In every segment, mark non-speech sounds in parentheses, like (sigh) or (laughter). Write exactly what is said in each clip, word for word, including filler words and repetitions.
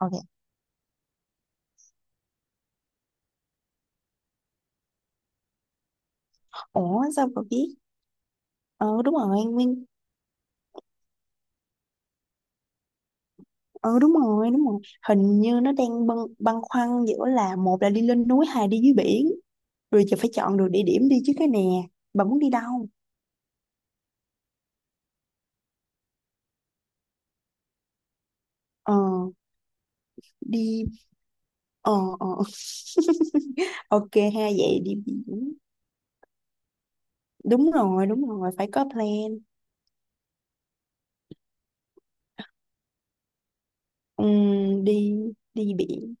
Ok. Ủa sao bà biết? Ừ đúng rồi, Nguyên. ờ đúng rồi, đúng rồi. Hình như nó đang băn, băn khoăn giữa là một là đi lên núi, hai đi dưới biển. Rồi giờ phải chọn được địa điểm đi chứ cái nè. Bà muốn đi đâu? Ờ, đi... Ờ, ờ. Ok ha, vậy đi biển. Đúng rồi, đúng rồi, phải có plan. Ừm, đi đi biển.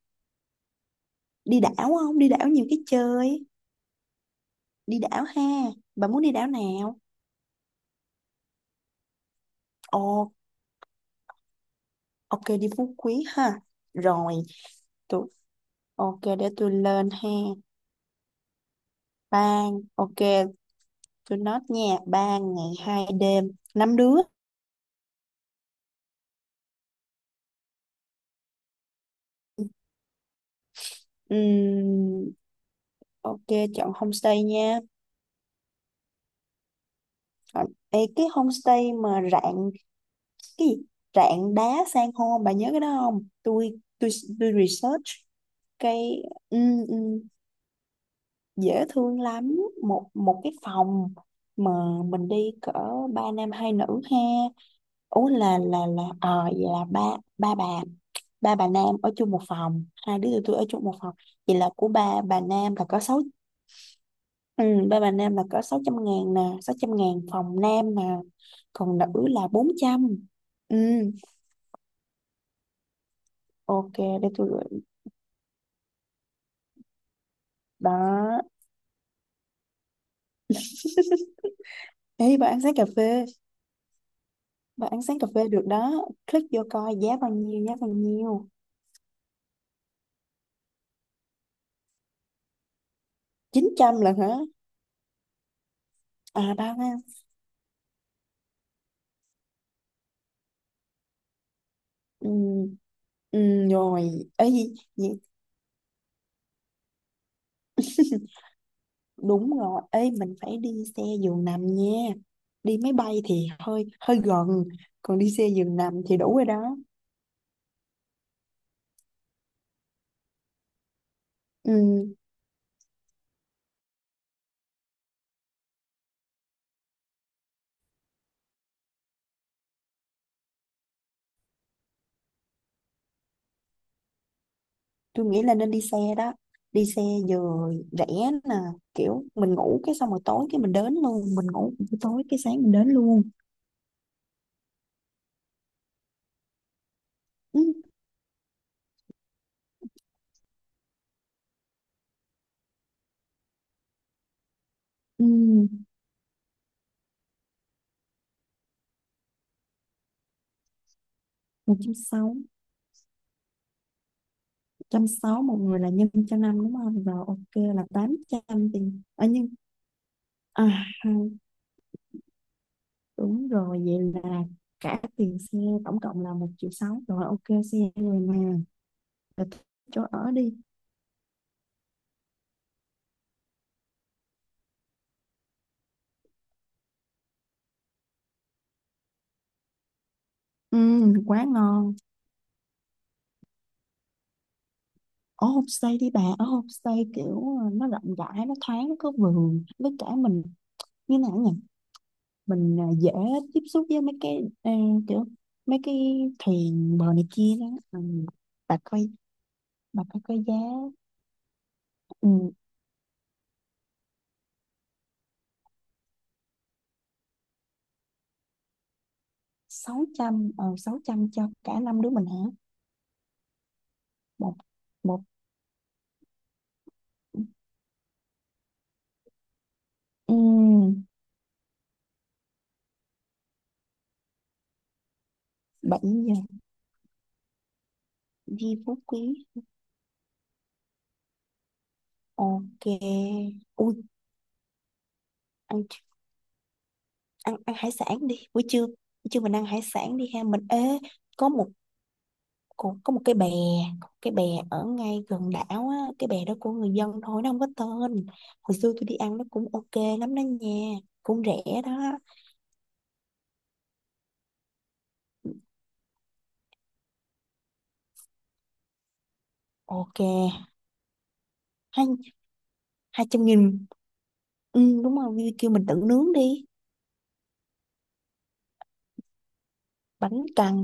Đi đảo không? Đi đảo nhiều cái chơi. Đi đảo ha. Bà muốn đi đảo nào? Ồ, ok đi Phú Quý ha. Rồi. tụi Ok để tôi lên ha. Ban, ok, tôi nói nha. Ba ngày hai đêm, năm đứa. Ừm, ok, chọn homestay nha. Còn, ê, cái homestay mà rạn cái gì? Rạn đá san hô, bà nhớ cái đó không? Tôi tôi tôi research cái ừm, ừm, dễ thương lắm, một một cái phòng mà mình đi cỡ ba nam hai nữ ha. Ủa là là là ờ vậy là ba ba bà ba bà Nam ở chung một phòng, hai đứa tụi tôi ở chung một phòng. Vậy là của ba bà Nam là có sáu, ừ, ba bà Nam là có sáu trăm ngàn nè, sáu trăm ngàn phòng Nam mà, còn nữ là bốn trăm. Ừ, ok để tôi gửi. Đó, ý bà ăn sáng cà phê, bà ăn sáng cà phê được đó. Click vô coi giá bao nhiêu, giá bao nhiêu? Chín trăm là hả? À ba ba ừ, ừ, rồi. Ấy gì gì? (laughs) Đúng rồi, ê mình phải đi xe giường nằm nha. Đi máy bay thì hơi hơi gần, còn đi xe giường nằm thì đủ rồi đó. Ừ, tôi nghĩ là nên đi xe đó. Đi xe vừa rẻ nè, kiểu mình ngủ cái, xong rồi tối cái mình đến luôn, mình ngủ buổi tối cái sáng mình đến luôn. Ừ, ừ, một trăm sáu, một trăm sáu một người là nhân cho năm đúng không? Rồi ok là tám trăm tiền. À, nhưng à, đúng rồi, vậy là cả tiền xe tổng cộng là một triệu sáu rồi, ok xe rồi mà. Rồi thích Chỗ ở đi. ừ, Quá ngon. Ở homestay đi bà, ở homestay kiểu ờ, nó rộng rãi, nó thoáng, nó có vườn, với cả mình như nào nhỉ mình ờ, dễ tiếp xúc với mấy cái ờ, kiểu mấy cái thuyền bờ này kia đó, ừ. bà coi bà coi coi giá. ừ, Sáu trăm, ờ, sáu trăm cho cả năm đứa mình hả? Một một ừ, bảy giờ Di Phú Quý, ok. ui ăn ăn Ăn hải sản đi, buổi trưa, buổi trưa mình ăn hải sản đi ha. Mình ế. có một có, có một cái bè có một cái bè ở ngay gần đảo á, cái bè đó của người dân thôi, nó không có tên. Hồi xưa tôi đi ăn nó cũng ok lắm đó nha, cũng rẻ đó. Ok. hai Hai trăm nghìn. Ừ, đúng rồi, Vivi kêu mình tự nướng đi. Bánh căn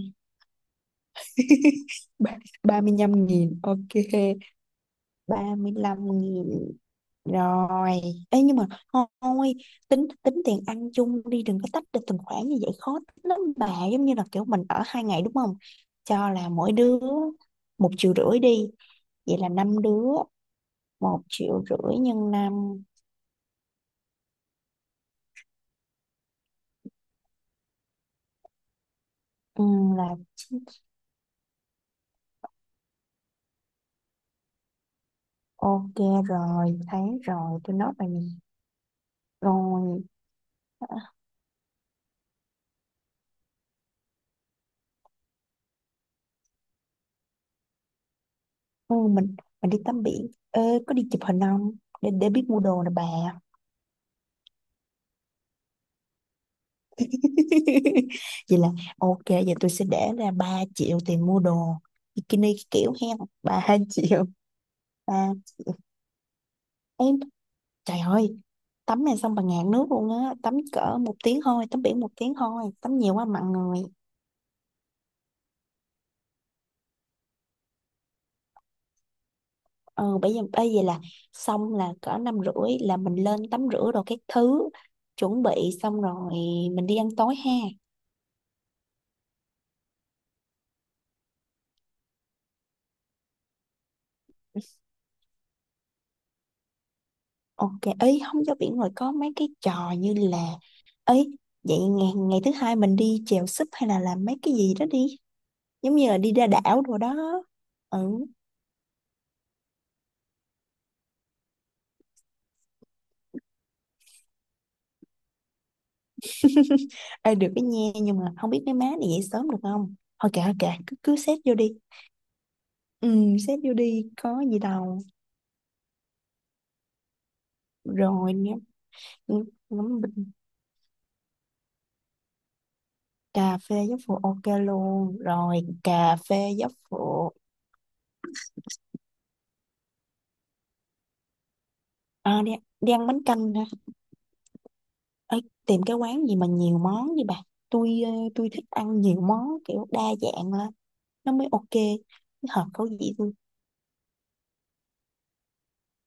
ba mươi lăm nghìn ok, ba mươi lăm nghìn. Rồi, ấy nhưng mà thôi, tính tính tiền ăn chung đi, đừng có tách được từng khoản như vậy khó tính lắm bà, giống như là kiểu mình ở hai ngày đúng không? Cho là mỗi đứa một triệu rưỡi đi, vậy là năm đứa, một triệu rưỡi nhân năm. ừ, là ok. Rồi, thấy rồi, tôi nói bà nè. Rồi, ừ, mình mình đi tắm biển. Ê, có đi chụp hình không? Để để biết mua đồ nè bà. (laughs) Vậy là ok, vậy tôi sẽ để ra ba triệu tiền mua đồ bikini kiểu hen. Ba (laughs) triệu. ba triệu. Em, trời ơi, tắm này xong bà ngạt nước luôn á, tắm cỡ một tiếng thôi, tắm biển một tiếng thôi, tắm nhiều quá mặn người. ừ bây giờ bây giờ là xong là cỡ năm rưỡi là mình lên tắm rửa đồ các thứ, chuẩn bị xong rồi mình đi ăn tối ha. Ok, ấy không, cho biển rồi có mấy cái trò như là, ấy, vậy ngày ngày thứ hai mình đi chèo súp hay là làm mấy cái gì đó đi, giống như là đi ra đảo đồ đó, ừ. (laughs) Ê, được cái nha, nhưng mà không biết mấy má này dậy sớm được không. Thôi kệ, thôi kệ, cứ cứ xét vô đi. Ừ, xét vô đi có gì đâu. Rồi nhé. Ừ, ngắm bình Cà phê giáo phụ ok luôn rồi, cà phê giáo phụ. à, đi, Đi ăn bánh canh. Ê, tìm cái quán gì mà nhiều món đi bà. Tôi ờ, tôi thích ăn nhiều món kiểu đa dạng lên nó mới ok. Nó hợp khẩu vị tôi.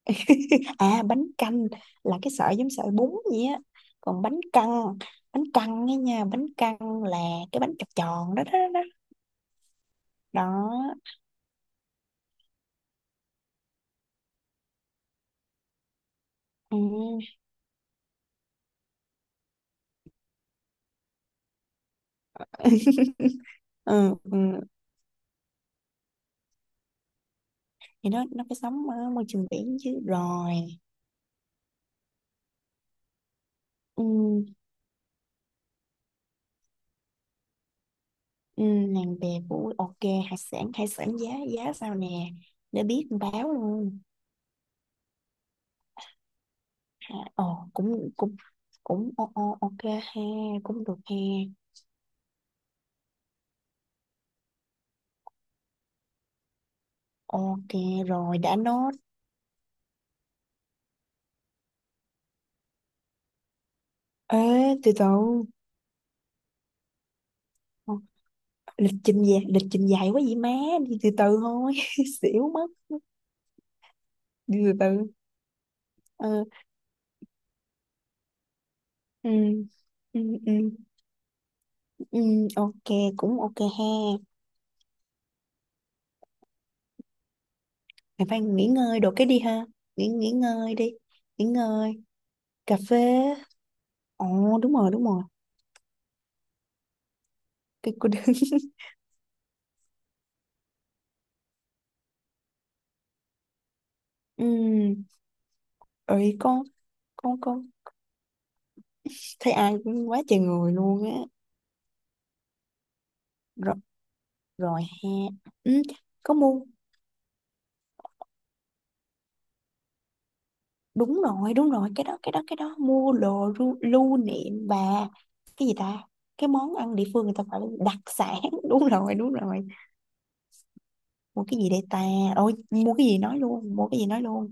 (laughs) à Bánh canh là cái sợi giống sợi bún vậy á. Còn bánh căn, bánh căn ấy nha, bánh căn là cái bánh tròn tròn đó, đó đó đó. Ừ. (laughs) Ừ, ừ. Thì nó nó phải sống ở môi trường biển chứ, rồi. ừ, ừ, Nàng bè vũ, ok. Hải sản, hải sản giá, giá sao nè, để biết báo luôn. À, ờ cũng, cũng cũng ờ, ờ, ok ha. Cũng được ha, ok. Rồi đã nốt. Ê, từ từ. Ờ, lịch trình dài, lịch trình dài quá vậy má, đi từ từ thôi. (laughs) Xỉu mất. Đi từ từ. Ừ ừ ừ ừ, ừ, ok, cũng ok ha. Mày phải nghỉ ngơi đồ cái đi ha, nghỉ nghỉ ngơi đi, nghỉ ngơi. Cà phê. Ồ đúng rồi, đúng rồi. Cái cô đơn. (laughs) Ừ. Ơi con, con con thấy ai cũng quá trời người luôn á. Rồi ha. Ừ, có mua. Đúng rồi, đúng rồi, cái đó cái đó cái đó, mua đồ ru- lưu niệm và cái gì ta? Cái món ăn địa phương người ta gọi là đặc sản. (laughs) Đúng rồi, đúng rồi. Mua cái gì đây ta? Ôi mua cái gì nói luôn, mua cái gì nói luôn.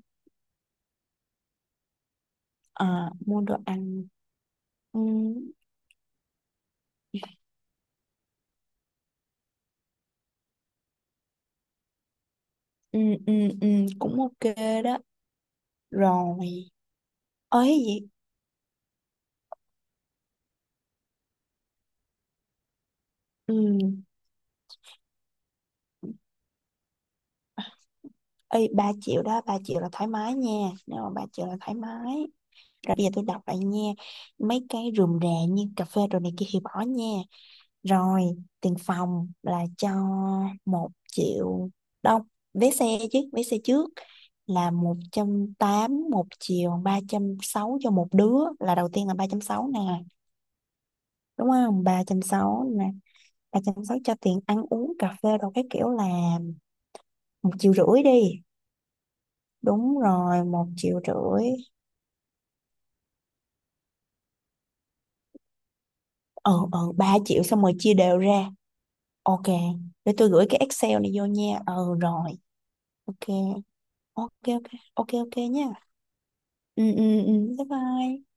À, mua đồ ăn. ừ, ừ, ừ, ừ, Cũng ok. Đó, rồi. Ơi gì? Ừ. Ê, ba triệu đó, ba triệu là thoải mái nha, nếu mà ba triệu là thoải mái. Rồi bây giờ tôi đọc lại nha. Mấy cái rườm rà như cà phê đồ này kia thì bỏ nha. Rồi, tiền phòng là cho một triệu. Đâu, vé xe chứ. Vé xe trước là một trăm tám, một triệu ba trăm sáu cho một đứa. Là đầu tiên là ba trăm sáu nè, đúng không, ba trăm sáu nè. Ba trăm sáu cho tiền ăn uống cà phê đồ cái, kiểu là một triệu rưỡi đi. Đúng rồi, một triệu rưỡi. ờ ờ Ba triệu, xong rồi chia đều ra. Ok, để tôi gửi cái Excel này vô nha. Ừ rồi. Ok. Ok ok. Ok ok nha. Ừ ừ ừ. Bye bye.